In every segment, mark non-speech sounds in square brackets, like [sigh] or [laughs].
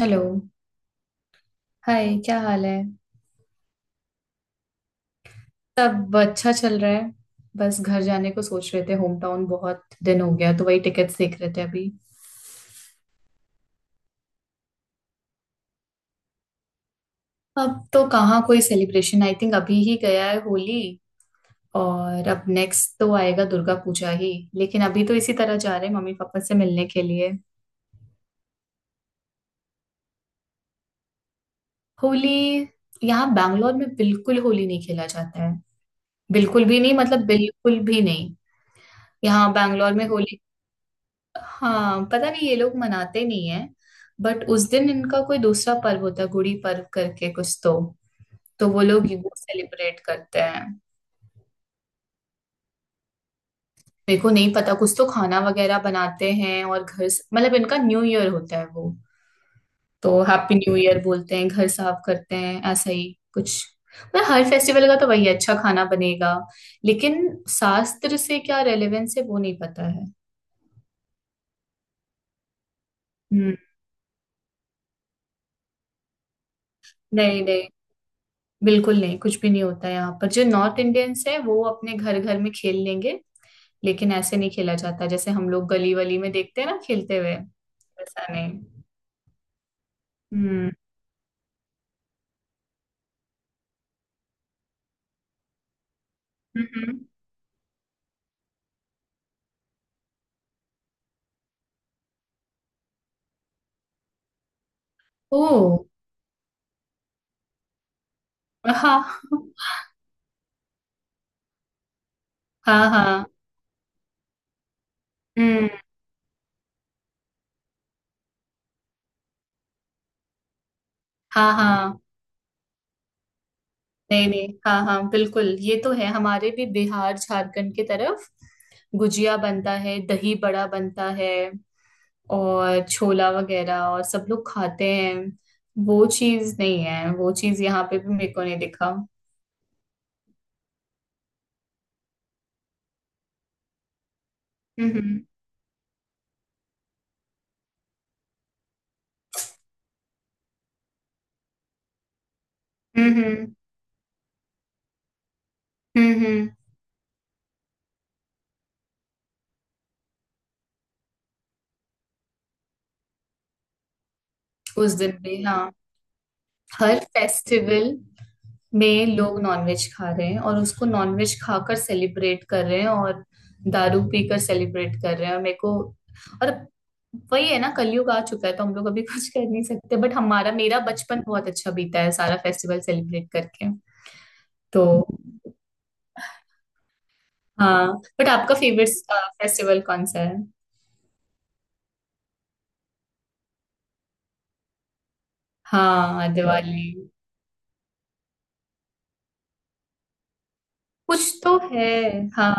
Hello. Hi, क्या हाल है? सब अच्छा चल रहा है। बस घर जाने को सोच रहे थे, होम टाउन बहुत दिन हो गया तो वही टिकट्स देख रहे थे अभी। अब तो कहाँ कोई सेलिब्रेशन, आई थिंक अभी ही गया है होली। और अब नेक्स्ट तो आएगा दुर्गा पूजा ही। लेकिन अभी तो इसी तरह जा रहे हैं, मम्मी पापा से मिलने के लिए। होली। यहाँ बैंगलोर में बिल्कुल होली नहीं खेला जाता है। बिल्कुल भी नहीं, मतलब बिल्कुल भी नहीं। यहाँ बैंगलोर में होली, हाँ पता नहीं, ये लोग मनाते नहीं है। बट उस दिन इनका कोई दूसरा पर्व होता है, गुड़ी पर्व करके कुछ तो। तो वो लोग ये वो सेलिब्रेट करते हैं। मेरे को नहीं पता, कुछ तो खाना वगैरह बनाते हैं और घर मतलब इनका न्यू ईयर होता है वो। तो हैप्पी न्यू ईयर बोलते हैं, घर साफ करते हैं, ऐसा ही कुछ। मतलब हर फेस्टिवल का तो वही है, अच्छा खाना बनेगा। लेकिन शास्त्र से क्या रेलेवेंस है, वो नहीं पता है। हम्म। नहीं नहीं, बिल्कुल नहीं, कुछ भी नहीं होता है। यहाँ पर जो नॉर्थ इंडियंस है वो अपने घर घर में खेल लेंगे। लेकिन ऐसे नहीं खेला जाता जैसे हम लोग गली वली में देखते हैं ना, खेलते हुए, वैसा नहीं। हम्म, हम्म। ओ, हाँ, हाँ, हाँ। हम्म। हाँ, हाँ। नहीं नहीं, हाँ हाँ, बिल्कुल ये तो है हमारे भी बिहार झारखंड की तरफ। गुजिया बनता है, दही बड़ा बनता है, और छोला वगैरह, और सब लोग खाते हैं। वो चीज नहीं है, वो चीज यहाँ पे भी मेरे को नहीं दिखा। हम्म, हम्म, हम्म, हम्म। उस दिन भी हाँ। हर फेस्टिवल में लोग नॉनवेज खा रहे हैं और उसको नॉनवेज खाकर सेलिब्रेट कर रहे हैं, और दारू पीकर सेलिब्रेट कर रहे हैं, और मेरे को। और वही है ना, कलयुग आ चुका है तो हम लोग अभी कुछ कर नहीं सकते, बट हमारा मेरा बचपन बहुत अच्छा बीता है, सारा फेस्टिवल सेलिब्रेट करके। तो हाँ। बट आपका फेवरेट फेस्टिवल कौन सा है? हाँ, दिवाली, दिवाली। कुछ तो है। हाँ,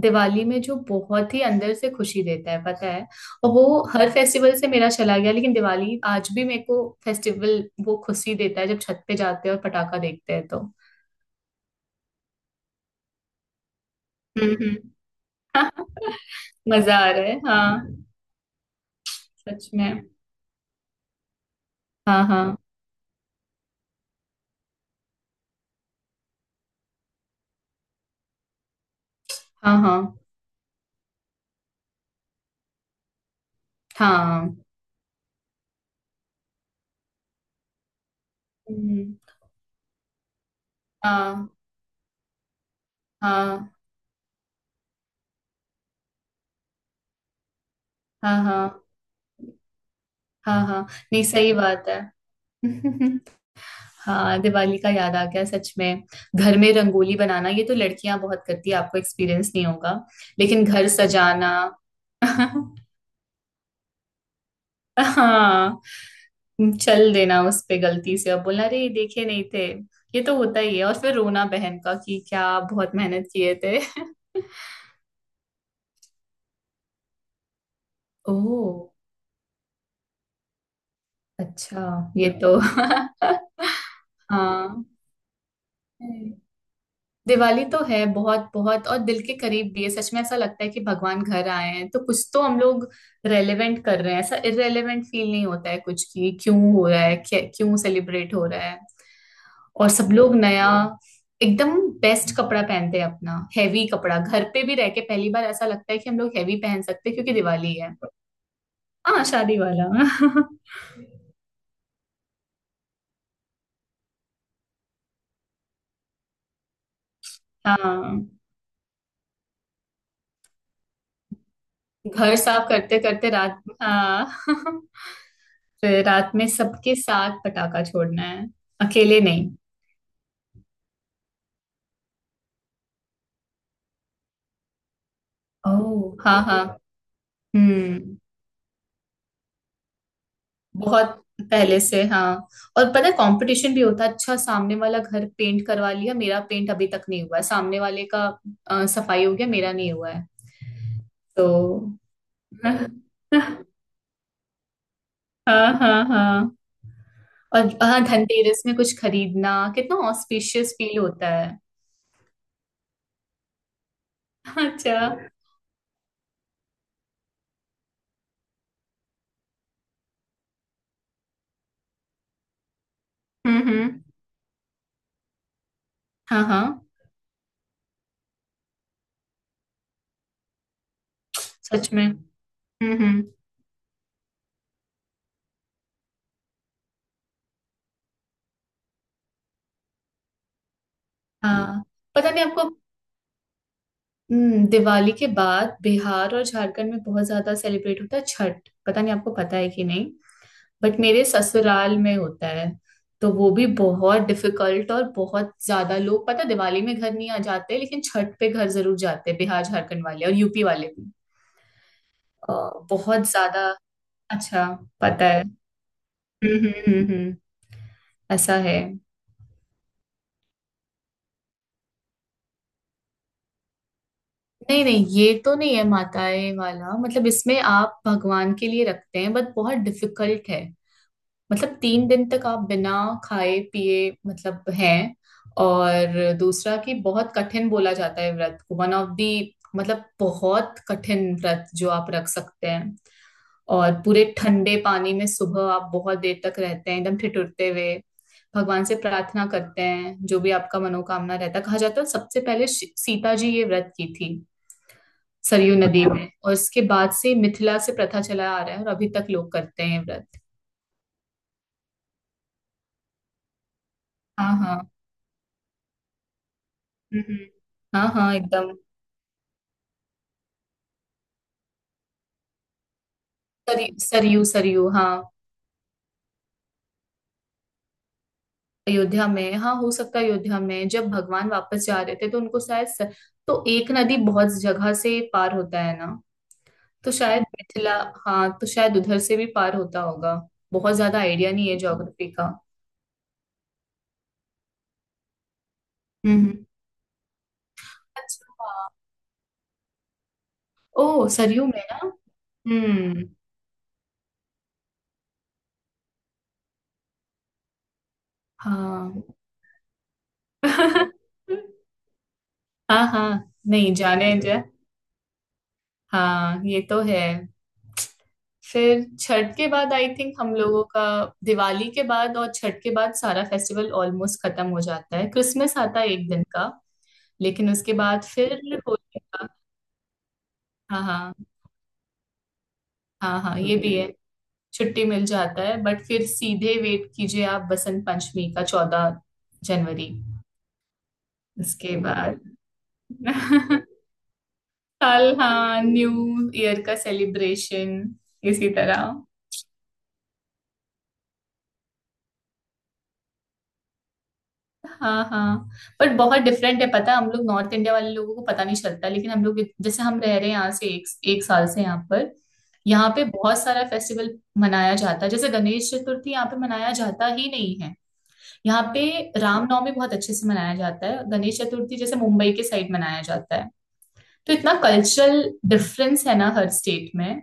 दिवाली में जो बहुत ही अंदर से खुशी देता है, पता है। और वो हर फेस्टिवल से मेरा चला गया, लेकिन दिवाली आज भी मेरे को फेस्टिवल वो खुशी देता है, जब छत पे जाते हैं और पटाखा देखते हैं तो। हम्म, हम्म। [laughs] हाँ, मजा आ रहा है, हाँ। सच में। हाँ, हाँ, हाँ, हाँ, हाँ। हम्म, हाँ, हाँ, हाँ, हाँ, हाँ, हाँ, हाँ। नहीं, सही बात है। [laughs] हाँ, दिवाली का याद आ गया, सच में। घर में रंगोली बनाना, ये तो लड़कियां बहुत करती है, आपको एक्सपीरियंस नहीं होगा। लेकिन घर सजाना। [laughs] हाँ, चल देना उस पे गलती से और बोलना, अरे ये देखे नहीं थे। ये तो होता ही है, और फिर रोना बहन का कि क्या आप बहुत मेहनत किए थे। [laughs] ओह, अच्छा, ये तो [laughs] हाँ। दिवाली तो है बहुत बहुत, और दिल के करीब भी है सच में। ऐसा लगता है कि भगवान घर आए हैं, तो कुछ तो हम लोग रेलेवेंट कर रहे हैं, ऐसा इरेलेवेंट फील नहीं होता है कुछ, कि क्यों हो रहा है, क्यों सेलिब्रेट हो रहा है। और सब लोग नया एकदम बेस्ट कपड़ा पहनते हैं अपना, हैवी कपड़ा घर पे भी रह के पहली बार ऐसा लगता है कि हम लोग हैवी पहन सकते हैं, क्योंकि दिवाली है। हाँ, शादी वाला। [laughs] हाँ। घर साफ करते करते रात, हाँ। [laughs] फिर रात में सबके साथ पटाखा छोड़ना है, अकेले नहीं। ओह, हाँ, हाँ। हम्म। बहुत पहले से, हाँ। और पता है, कंपटीशन भी होता है। अच्छा, सामने वाला घर पेंट करवा लिया, मेरा पेंट अभी तक नहीं हुआ है सामने वाले का। सफाई हो गया, मेरा नहीं हुआ है। तो [laughs] हाँ, हाँ, हाँ। और हाँ, धनतेरस में कुछ खरीदना कितना ऑस्पिशियस फील होता है। अच्छा। हम्म, हम्म। हाँ, हाँ, सच में। हम्म, हम्म। हाँ, पता नहीं आपको। दिवाली के बाद बिहार और झारखंड में बहुत ज्यादा सेलिब्रेट होता है छठ, पता नहीं आपको पता है कि नहीं। बट मेरे ससुराल में होता है। तो वो भी बहुत डिफिकल्ट, और बहुत ज्यादा लोग पता है, दिवाली में घर नहीं आ जाते लेकिन छठ पे घर जरूर जाते हैं, बिहार झारखंड वाले और यूपी वाले भी। अ, बहुत ज्यादा। अच्छा। पता है। हम्म, हम्म, हम्म, ऐसा है। नहीं नहीं, ये तो नहीं है माताएं वाला, मतलब इसमें आप भगवान के लिए रखते हैं, बट बहुत डिफिकल्ट है। मतलब, 3 दिन तक आप बिना खाए पिए मतलब हैं। और दूसरा कि बहुत कठिन बोला जाता है व्रत को, वन ऑफ दी, मतलब बहुत कठिन व्रत जो आप रख सकते हैं। और पूरे ठंडे पानी में सुबह आप बहुत देर तक रहते हैं, एकदम ठिठुरते हुए। भगवान से प्रार्थना करते हैं, जो भी आपका मनोकामना रहता है। कहा जाता है सबसे पहले सीता जी ये व्रत की थी। सरयू नदी, अच्छा, में और इसके बाद से मिथिला से प्रथा चला आ रहा है, और अभी तक लोग करते हैं ये व्रत। हाँ, हाँ। हम्म, हाँ, हाँ, एकदम। सरयू, सरयू, सरयू, हाँ। अयोध्या में हाँ, हो सकता है। अयोध्या में जब भगवान वापस जा रहे थे तो उनको शायद तो एक नदी बहुत जगह से पार होता है ना। तो शायद मिथिला। हाँ, तो शायद उधर से भी पार होता होगा। बहुत ज्यादा आइडिया नहीं है ज्योग्राफी का। हम्म, अच्छा, हाँ। ओ, सरयू में ना। हम्म, हाँ। [laughs] हाँ, हाँ, नहीं जाने जा। हाँ, ये तो है। फिर छठ के बाद आई थिंक हम लोगों का, दिवाली के बाद और छठ के बाद सारा फेस्टिवल ऑलमोस्ट खत्म हो जाता है। क्रिसमस आता है एक दिन का, लेकिन उसके बाद फिर होली का। हाँ, हाँ, हाँ, हाँ, ये भी है। छुट्टी मिल जाता है, बट फिर सीधे वेट कीजिए आप, बसंत पंचमी का 14 जनवरी। उसके बाद [laughs] साल, हाँ, न्यू ईयर का सेलिब्रेशन, इसी तरह। हाँ, हाँ, पर बहुत डिफरेंट है, पता है। हम लोग नॉर्थ इंडिया वाले लोगों को पता नहीं चलता, लेकिन हम लोग जैसे हम रह रहे हैं यहाँ से, एक एक साल से यहाँ पर। यहाँ पे बहुत सारा फेस्टिवल मनाया जाता है, जैसे गणेश चतुर्थी यहाँ पे मनाया जाता ही नहीं है। यहाँ पे रामनवमी बहुत अच्छे से मनाया जाता है। गणेश चतुर्थी जैसे मुंबई के साइड मनाया जाता है। तो इतना कल्चरल डिफरेंस है ना हर स्टेट में।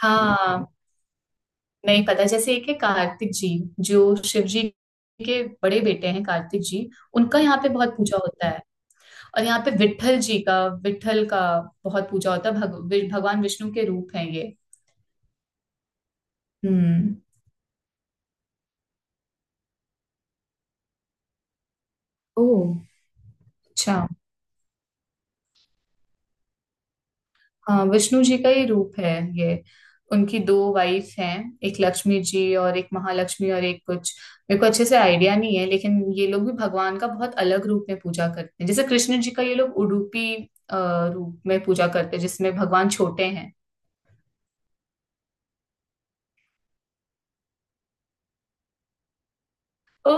हाँ, नहीं पता। जैसे एक है कार्तिक जी, जो शिव जी के बड़े बेटे हैं, कार्तिक जी। उनका यहाँ पे बहुत पूजा होता है। और यहाँ पे विट्ठल जी का, विट्ठल का बहुत पूजा होता है। भगवान विष्णु के रूप हैं ये। हम्म। ओह, अच्छा। हाँ, विष्णु जी का ही रूप है ये। उनकी दो वाइफ हैं, एक लक्ष्मी जी और एक महालक्ष्मी और एक कुछ, मेरे को अच्छे से आइडिया नहीं है, लेकिन ये लोग भी भगवान का बहुत अलग रूप में पूजा करते हैं। जैसे कृष्ण जी का ये लोग उडुपी अ, रूप में पूजा करते हैं, जिसमें भगवान छोटे हैं। ओ,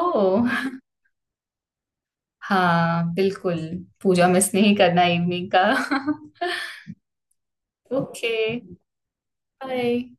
हाँ, बिल्कुल। पूजा मिस नहीं करना इवनिंग का। [laughs] ओके। Bye.